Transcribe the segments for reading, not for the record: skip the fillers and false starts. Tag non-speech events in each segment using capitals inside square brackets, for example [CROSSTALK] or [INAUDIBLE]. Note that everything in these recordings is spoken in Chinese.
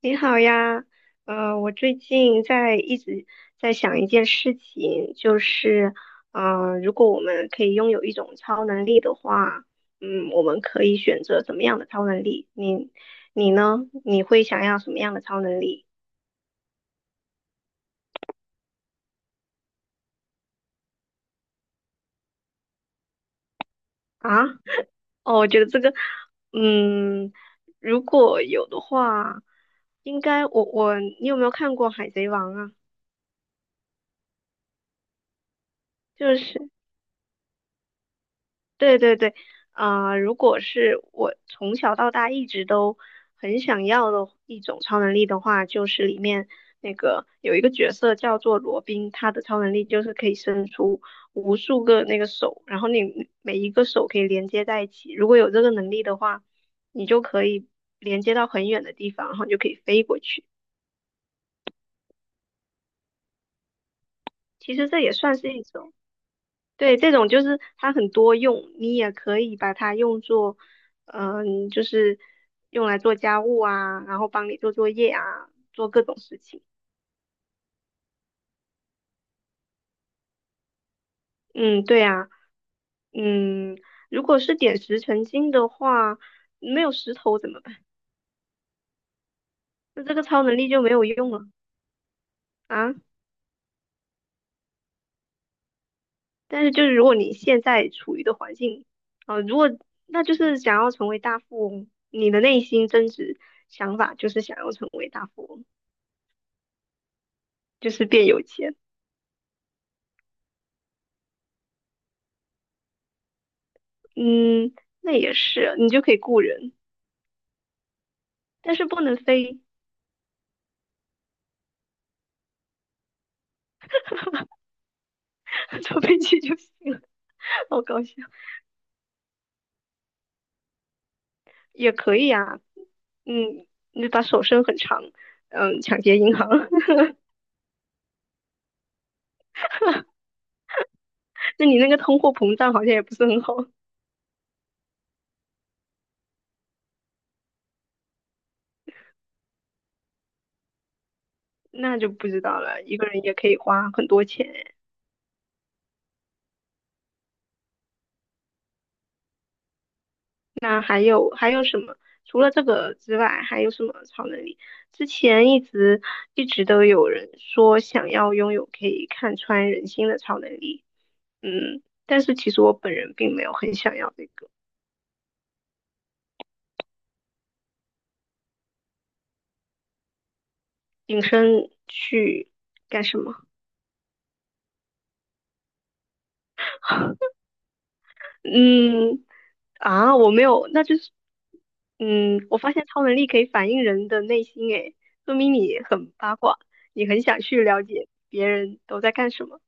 你好呀，我最近在一直在想一件事情，就是，如果我们可以拥有一种超能力的话，嗯，我们可以选择怎么样的超能力？你呢？你会想要什么样的超能力啊？哦，我觉得这个，嗯，如果有的话，应该我你有没有看过《海贼王》啊？就是。对对对，如果是我从小到大一直都很想要的一种超能力的话，就是里面那个有一个角色叫做罗宾，他的超能力就是可以伸出无数个那个手，然后你每一个手可以连接在一起。如果有这个能力的话，你就可以连接到很远的地方，然后你就可以飞过去。其实这也算是一种。对，这种就是它很多用，你也可以把它用作，就是用来做家务啊，然后帮你做作业啊，做各种事情。嗯，对啊，嗯，如果是点石成金的话，没有石头怎么办？那这个超能力就没有用了啊。但是就是如果你现在处于的环境，啊、如果那就是想要成为大富翁，你的内心真实想法就是想要成为大富翁，就是变有钱。嗯，那也是，你就可以雇人，但是不能飞，[LAUGHS] 坐飞机就行了，[LAUGHS] 好搞笑。也可以啊，嗯，你把手伸很长，嗯，抢劫银行，[LAUGHS] 那你那个通货膨胀好像也不是很好，那就不知道了。一个人也可以花很多钱，那还有什么？除了这个之外，还有什么超能力？之前一直都有人说想要拥有可以看穿人心的超能力，嗯，但是其实我本人并没有很想要那个隐身去干什么。嗯，啊，我没有，那就是，嗯，我发现超能力可以反映人的内心，诶，说明你很八卦，你很想去了解别人都在干什么。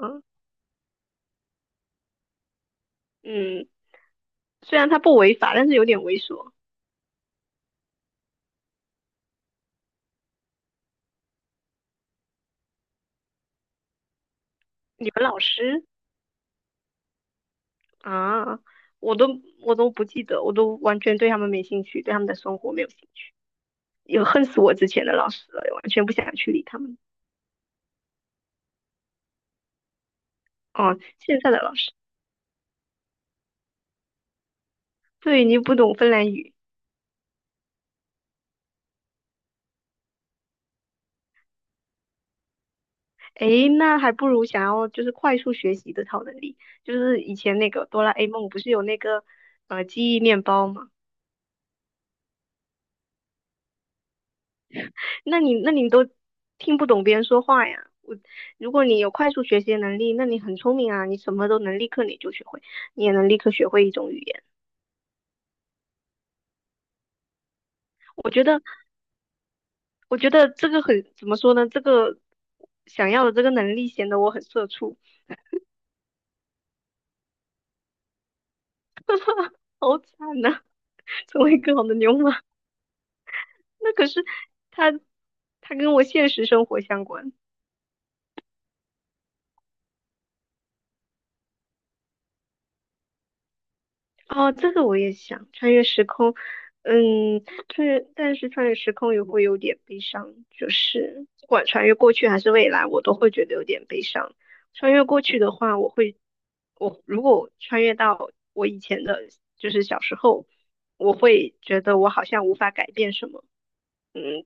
嗯嗯，虽然他不违法，但是有点猥琐。你们老师啊，我都不记得，我都完全对他们没兴趣，对他们的生活没有兴趣，也恨死我之前的老师了，完全不想去理他们。哦，现在的老师，对你不懂芬兰语，诶，那还不如想要就是快速学习的超能力，就是以前那个哆啦 A 梦不是有那个记忆面包吗？那你都听不懂别人说话呀。我如果你有快速学习的能力，那你很聪明啊，你什么都能立刻你就学会，你也能立刻学会一种语言。我觉得我觉得这个很怎么说呢？这个想要的这个能力显得我很社畜，好惨呐、[LAUGHS] 成为更好的牛马。那可是它它跟我现实生活相关。哦，这个我也想穿越时空，嗯，穿越，但是穿越时空也会有点悲伤，就是不管穿越过去还是未来，我都会觉得有点悲伤。穿越过去的话，我会，我如果我穿越到我以前的，就是小时候，我会觉得我好像无法改变什么，嗯，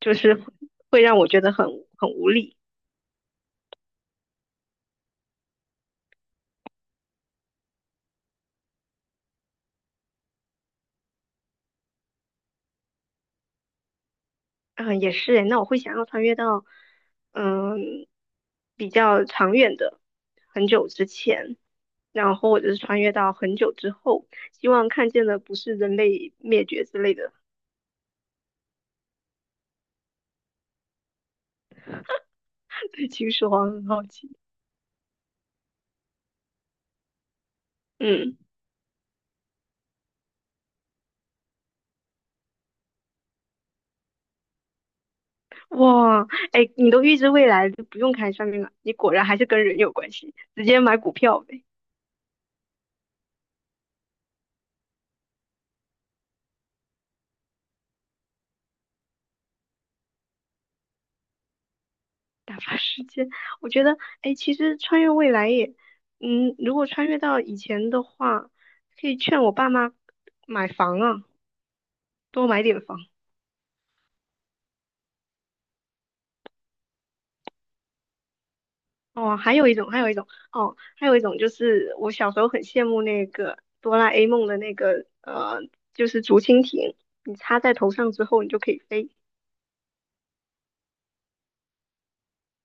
就是会让我觉得很无力。嗯、也是诶，那我会想要穿越到，嗯，比较长远的，很久之前，然后或者是穿越到很久之后，希望看见的不是人类灭绝之类的。[LAUGHS] 对秦始皇很好奇，嗯，哇，哎，你都预知未来，就不用看算面了，你果然还是跟人有关系，直接买股票呗。打发时间，我觉得，哎，其实穿越未来也，嗯，如果穿越到以前的话，可以劝我爸妈买房啊，多买点房。哦，还有一种，还有一种，哦，还有一种就是我小时候很羡慕那个哆啦 A 梦的那个，就是竹蜻蜓，你插在头上之后，你就可以飞。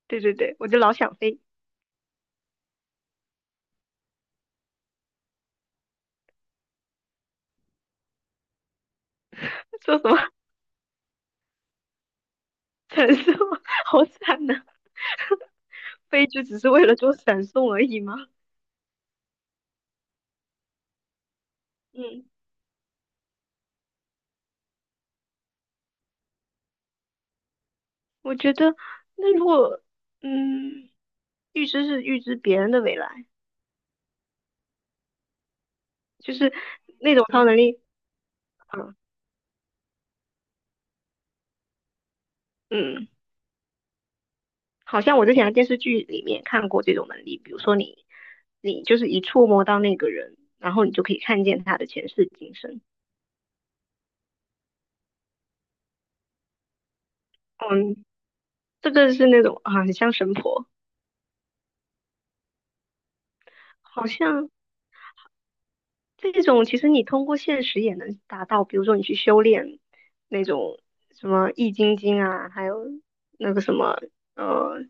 对对对，我就老想飞，说什么 [LAUGHS] 传送，好惨呐、飞就只是为了做闪送而已吗？嗯我觉得，那如果，嗯，预知是预知别人的未来，就是那种超能力，嗯嗯，好像我之前的电视剧里面看过这种能力，比如说你，你就是一触摸到那个人，然后你就可以看见他的前世今生，嗯，这个是那种啊，很像神婆，好像这种其实你通过现实也能达到，比如说你去修炼那种什么易筋经啊，还有那个什么呃，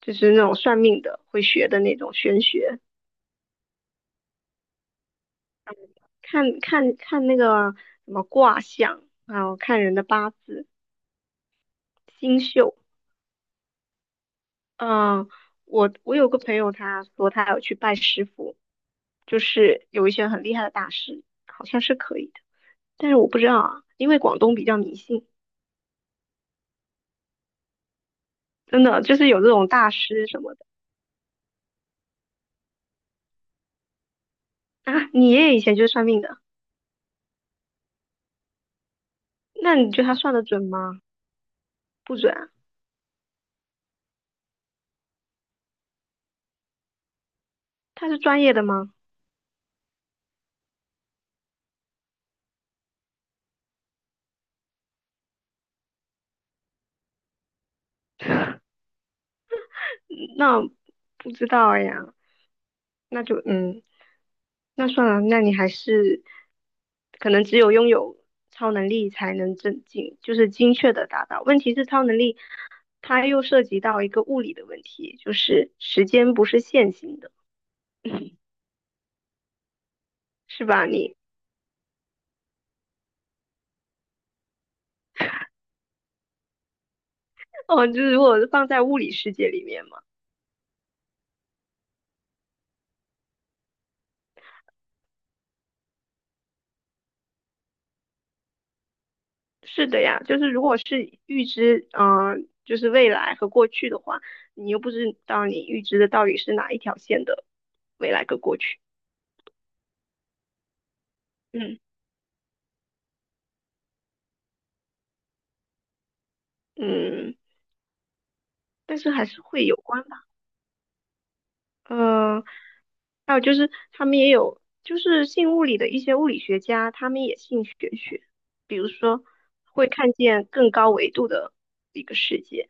就是那种算命的会学的那种玄学，看看那个什么卦象，还有看人的八字、星宿。嗯、我有个朋友，他说他要去拜师傅，就是有一些很厉害的大师，好像是可以的，但是我不知道啊，因为广东比较迷信。真的就是有这种大师什么的啊。你爷爷以前就是算命的，那你觉得他算的准吗？不准啊，他是专业的吗？嗯那不知道哎呀，那就嗯，那算了，那你还是可能只有拥有超能力才能正经，就是精确的达到。问题是超能力，它又涉及到一个物理的问题，就是时间不是线性的，是吧？你哦，就是如果放在物理世界里面嘛。是的呀，就是如果是预知，就是未来和过去的话，你又不知道你预知的到底是哪一条线的未来跟过去。嗯嗯，但是还是会有关吧。嗯，还有就是他们也有，就是信物理的一些物理学家，他们也信玄学，比如说会看见更高维度的一个世界。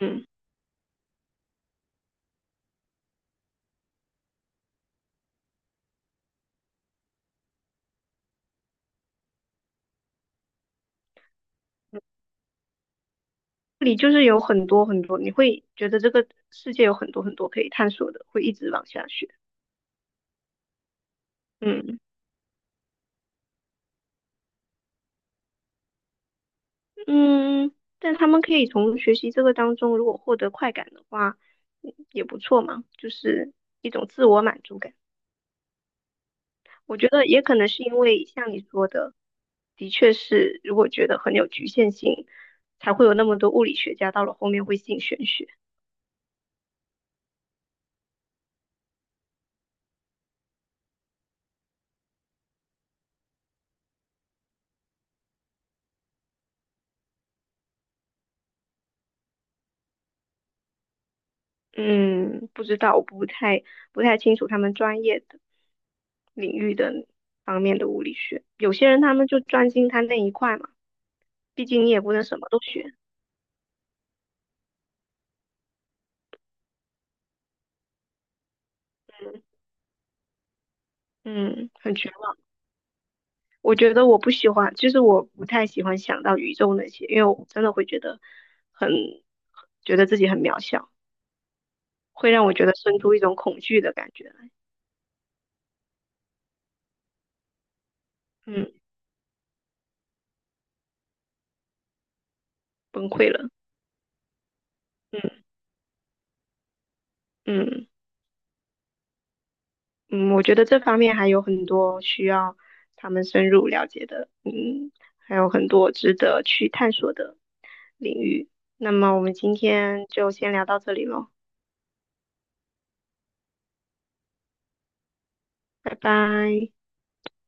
嗯，这里就是有很多很多，你会觉得这个世界有很多很多可以探索的，会一直往下学。嗯。嗯，但他们可以从学习这个当中，如果获得快感的话，嗯也不错嘛，就是一种自我满足感。我觉得也可能是因为像你说的，的确是如果觉得很有局限性，才会有那么多物理学家到了后面会信玄学。嗯，不知道，我不太清楚他们专业的领域的方面的物理学。有些人他们就专心他那一块嘛，毕竟你也不能什么都学。嗯，嗯很绝望。我觉得我不喜欢，就是我不太喜欢想到宇宙那些，因为我真的会觉得很，觉得自己很渺小，会让我觉得生出一种恐惧的感觉来嗯，崩溃了，嗯嗯嗯，我觉得这方面还有很多需要他们深入了解的，嗯，还有很多值得去探索的领域。那么我们今天就先聊到这里喽，拜拜。